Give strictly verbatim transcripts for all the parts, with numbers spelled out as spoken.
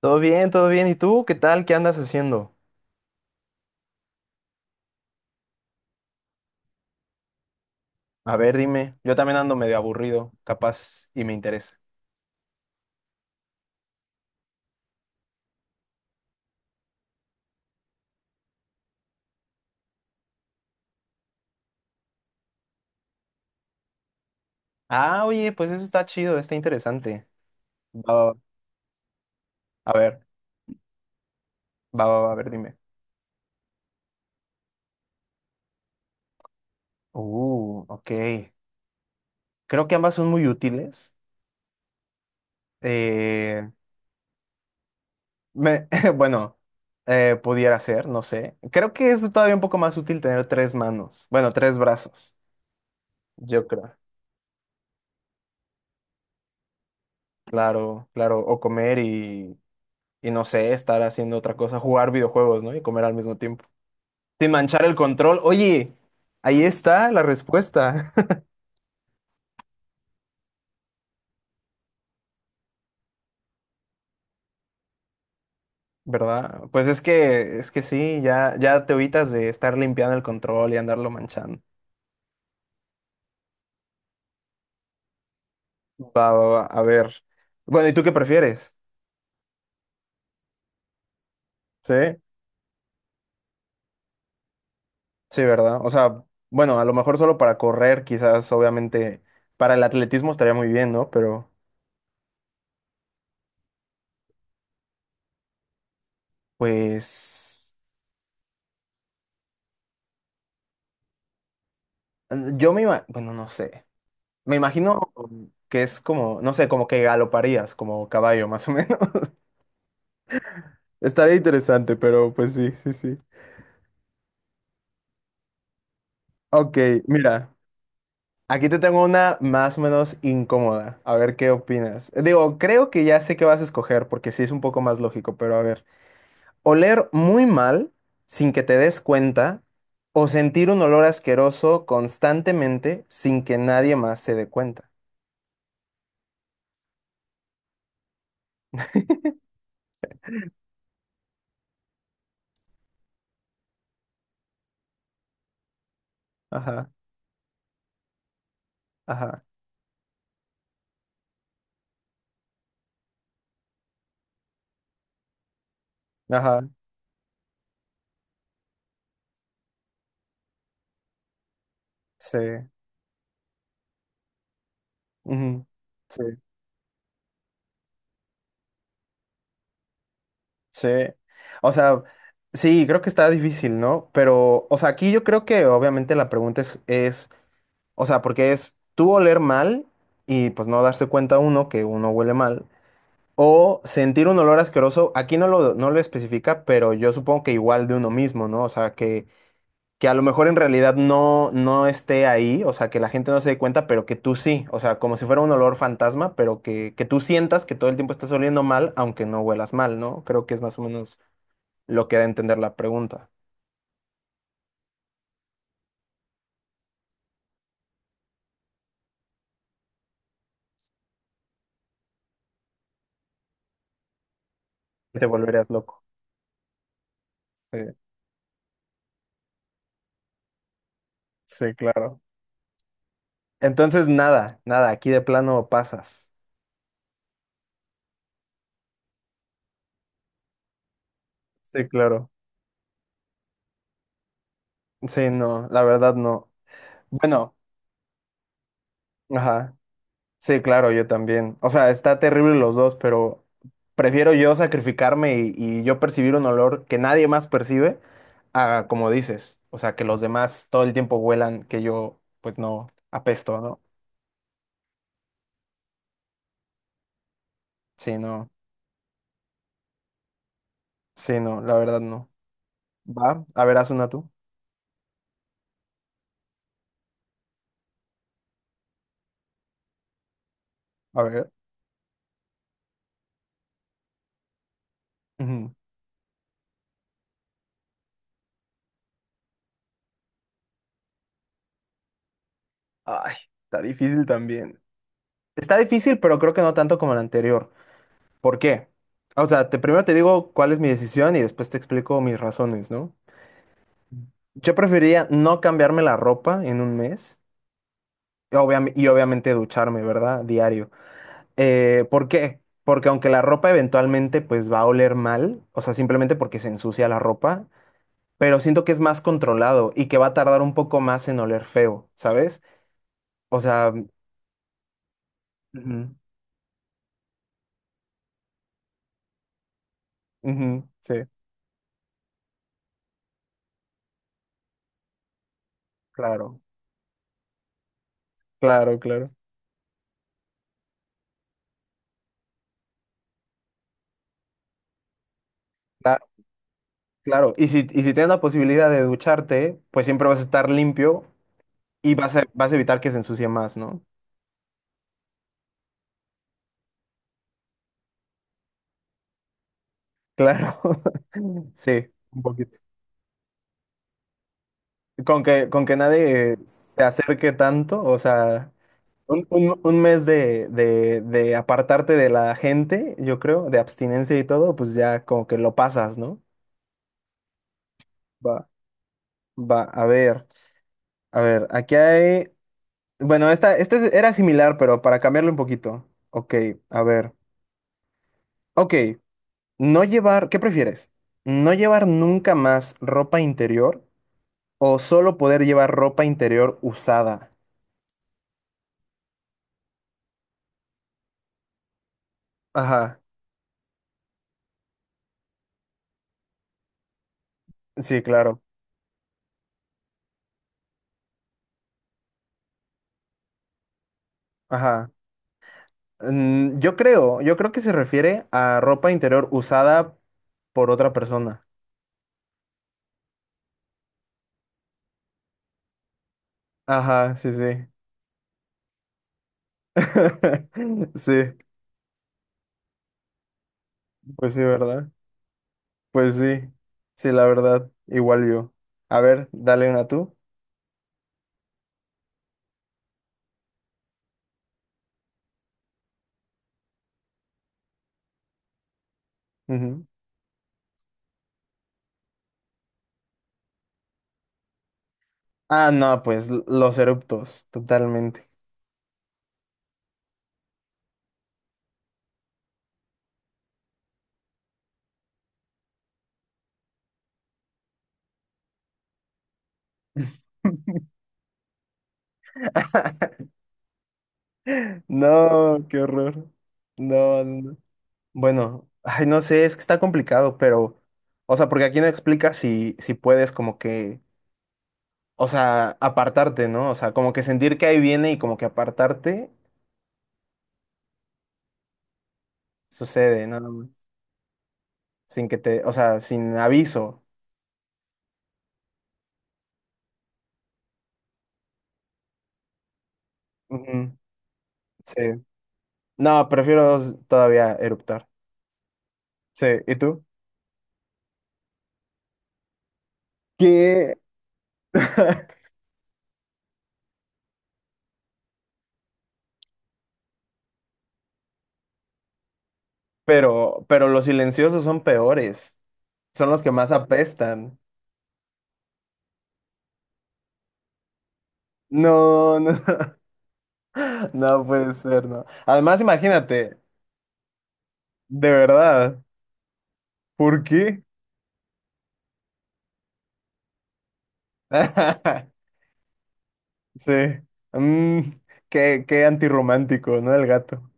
Todo bien, todo bien. ¿Y tú qué tal? ¿Qué andas haciendo? A ver, dime. Yo también ando medio aburrido, capaz, y me interesa. Ah, oye, pues eso está chido, está interesante. Va, va, va. A ver, va, va, va, a ver, dime. Uh, ok. Creo que ambas son muy útiles. Eh, me, bueno, eh, pudiera ser, no sé. Creo que es todavía un poco más útil tener tres manos. Bueno, tres brazos, yo creo. Claro, claro. O comer y, y no sé, estar haciendo otra cosa, jugar videojuegos, ¿no? Y comer al mismo tiempo. Sin manchar el control. Oye, ahí está la respuesta, ¿verdad? Pues es que, es que sí, ya, ya te evitas de estar limpiando el control y andarlo manchando. Va, va, va, a ver. Bueno, ¿y tú qué prefieres? Sí, sí, ¿verdad? O sea, bueno, a lo mejor solo para correr, quizás, obviamente, para el atletismo estaría muy bien, ¿no? Pero, pues, yo me imagino, bueno, no sé. Me imagino que es como, no sé, como que galoparías, como caballo, más o menos. Estaría interesante, pero pues sí, sí, sí. Ok, mira, aquí te tengo una más o menos incómoda. A ver qué opinas. Digo, creo que ya sé qué vas a escoger porque sí es un poco más lógico, pero a ver. Oler muy mal sin que te des cuenta o sentir un olor asqueroso constantemente sin que nadie más se dé cuenta. Ajá, ajá, ajá, sí. Ujú, sí. Sí, o sea, sí, creo que está difícil, ¿no? Pero, o sea, aquí yo creo que obviamente la pregunta es, es, o sea, porque es tú oler mal y pues no darse cuenta uno que uno huele mal, o sentir un olor asqueroso, aquí no lo, no lo especifica, pero yo supongo que igual de uno mismo, ¿no? O sea, que, que a lo mejor en realidad no, no esté ahí, o sea, que la gente no se dé cuenta, pero que tú sí, o sea, como si fuera un olor fantasma, pero que, que tú sientas que todo el tiempo estás oliendo mal, aunque no huelas mal, ¿no? Creo que es más o menos lo que da a entender la pregunta. Te volverías loco. Sí, sí, claro. Entonces, nada, nada, aquí de plano pasas. Sí, claro. Sí, no, la verdad no. Bueno, ajá. Sí, claro, yo también. O sea, está terrible los dos, pero prefiero yo sacrificarme y, y yo percibir un olor que nadie más percibe a, como dices, o sea, que los demás todo el tiempo huelan que yo, pues no, apesto, ¿no? Sí, no, sí, no, la verdad no. Va, a ver, haz una tú. A ver. Ujú. Ay, está difícil también. Está difícil, pero creo que no tanto como el anterior. ¿Por qué? O sea, te, primero te digo cuál es mi decisión y después te explico mis razones, ¿no? Yo preferiría no cambiarme la ropa en un mes y, obviam- y obviamente ducharme, ¿verdad? Diario. Eh, ¿por qué? Porque aunque la ropa eventualmente pues va a oler mal, o sea, simplemente porque se ensucia la ropa, pero siento que es más controlado y que va a tardar un poco más en oler feo, ¿sabes? O sea, ujú, ujú, sí, claro. Claro, claro. Cla- Claro, y si, y si tienes la posibilidad de ducharte, pues siempre vas a estar limpio y vas a, vas a evitar que se ensucie más, ¿no? Claro, sí, un poquito. Con que, con que nadie se acerque tanto, o sea, un, un- un mes de, de, de apartarte de la gente, yo creo, de abstinencia y todo, pues ya como que lo pasas, ¿no? Va, va, a ver, a ver, aquí hay, bueno, esta, esta es- era similar, pero para cambiarlo un poquito. Ok, a ver. Ok. No llevar, ¿qué prefieres? ¿No llevar nunca más ropa interior o solo poder llevar ropa interior usada? Ajá, sí, claro. Ajá. Mm, yo creo, yo creo que se refiere a ropa interior usada por otra persona. Ajá, sí, sí. Sí, pues sí, ¿verdad? Pues sí, sí, la verdad, igual yo. A ver, dale una tú. Ujú. Ah, no, pues l- los eruptos, totalmente. No, qué horror. No, no, no. Bueno, ay, no sé, es que está complicado, pero, o sea, porque aquí no explica si, si puedes como que, o sea, apartarte, ¿no? O sea, como que sentir que ahí viene y como que apartarte sucede, nada más. Sin que te, o sea, sin aviso. Ujú, sí. No, prefiero s- todavía eruptar. Sí, ¿y tú? ¿Qué? Pero, pero los silenciosos son peores. Son los que más apestan. No, no. No puede ser, ¿no? Además, imagínate, de verdad, ¿por qué? Sí. Mm, qué, qué antirromántico, ¿no? El gato.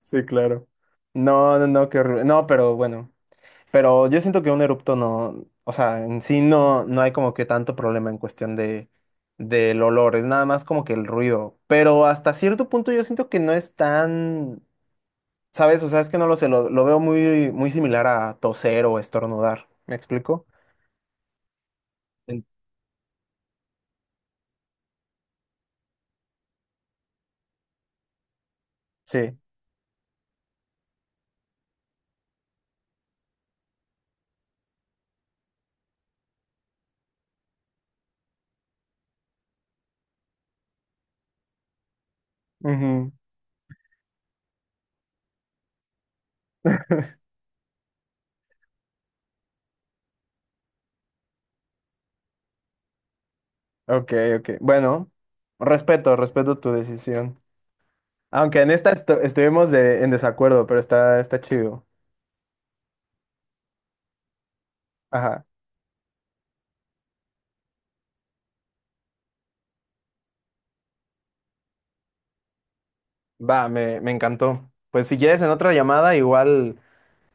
Sí, claro. No, no, no, qué horrible. No, pero bueno. Pero yo siento que un erupto no, o sea, en sí no, no hay como que tanto problema en cuestión de, del olor, es nada más como que el ruido. Pero hasta cierto punto yo siento que no es tan, ¿sabes? O sea, es que no lo sé, lo, lo veo muy, muy similar a toser o estornudar. ¿Me explico? En- Sí. Ujú. Ok, ok. Bueno, respeto, respeto tu decisión. Aunque en esta estu- estuvimos de- en desacuerdo, pero está, está chido. Ajá. Va, me, me encantó. Pues si quieres en otra llamada, igual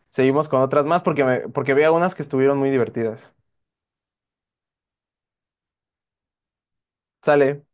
seguimos con otras más porque me, porque vi algunas que estuvieron muy divertidas. Sale.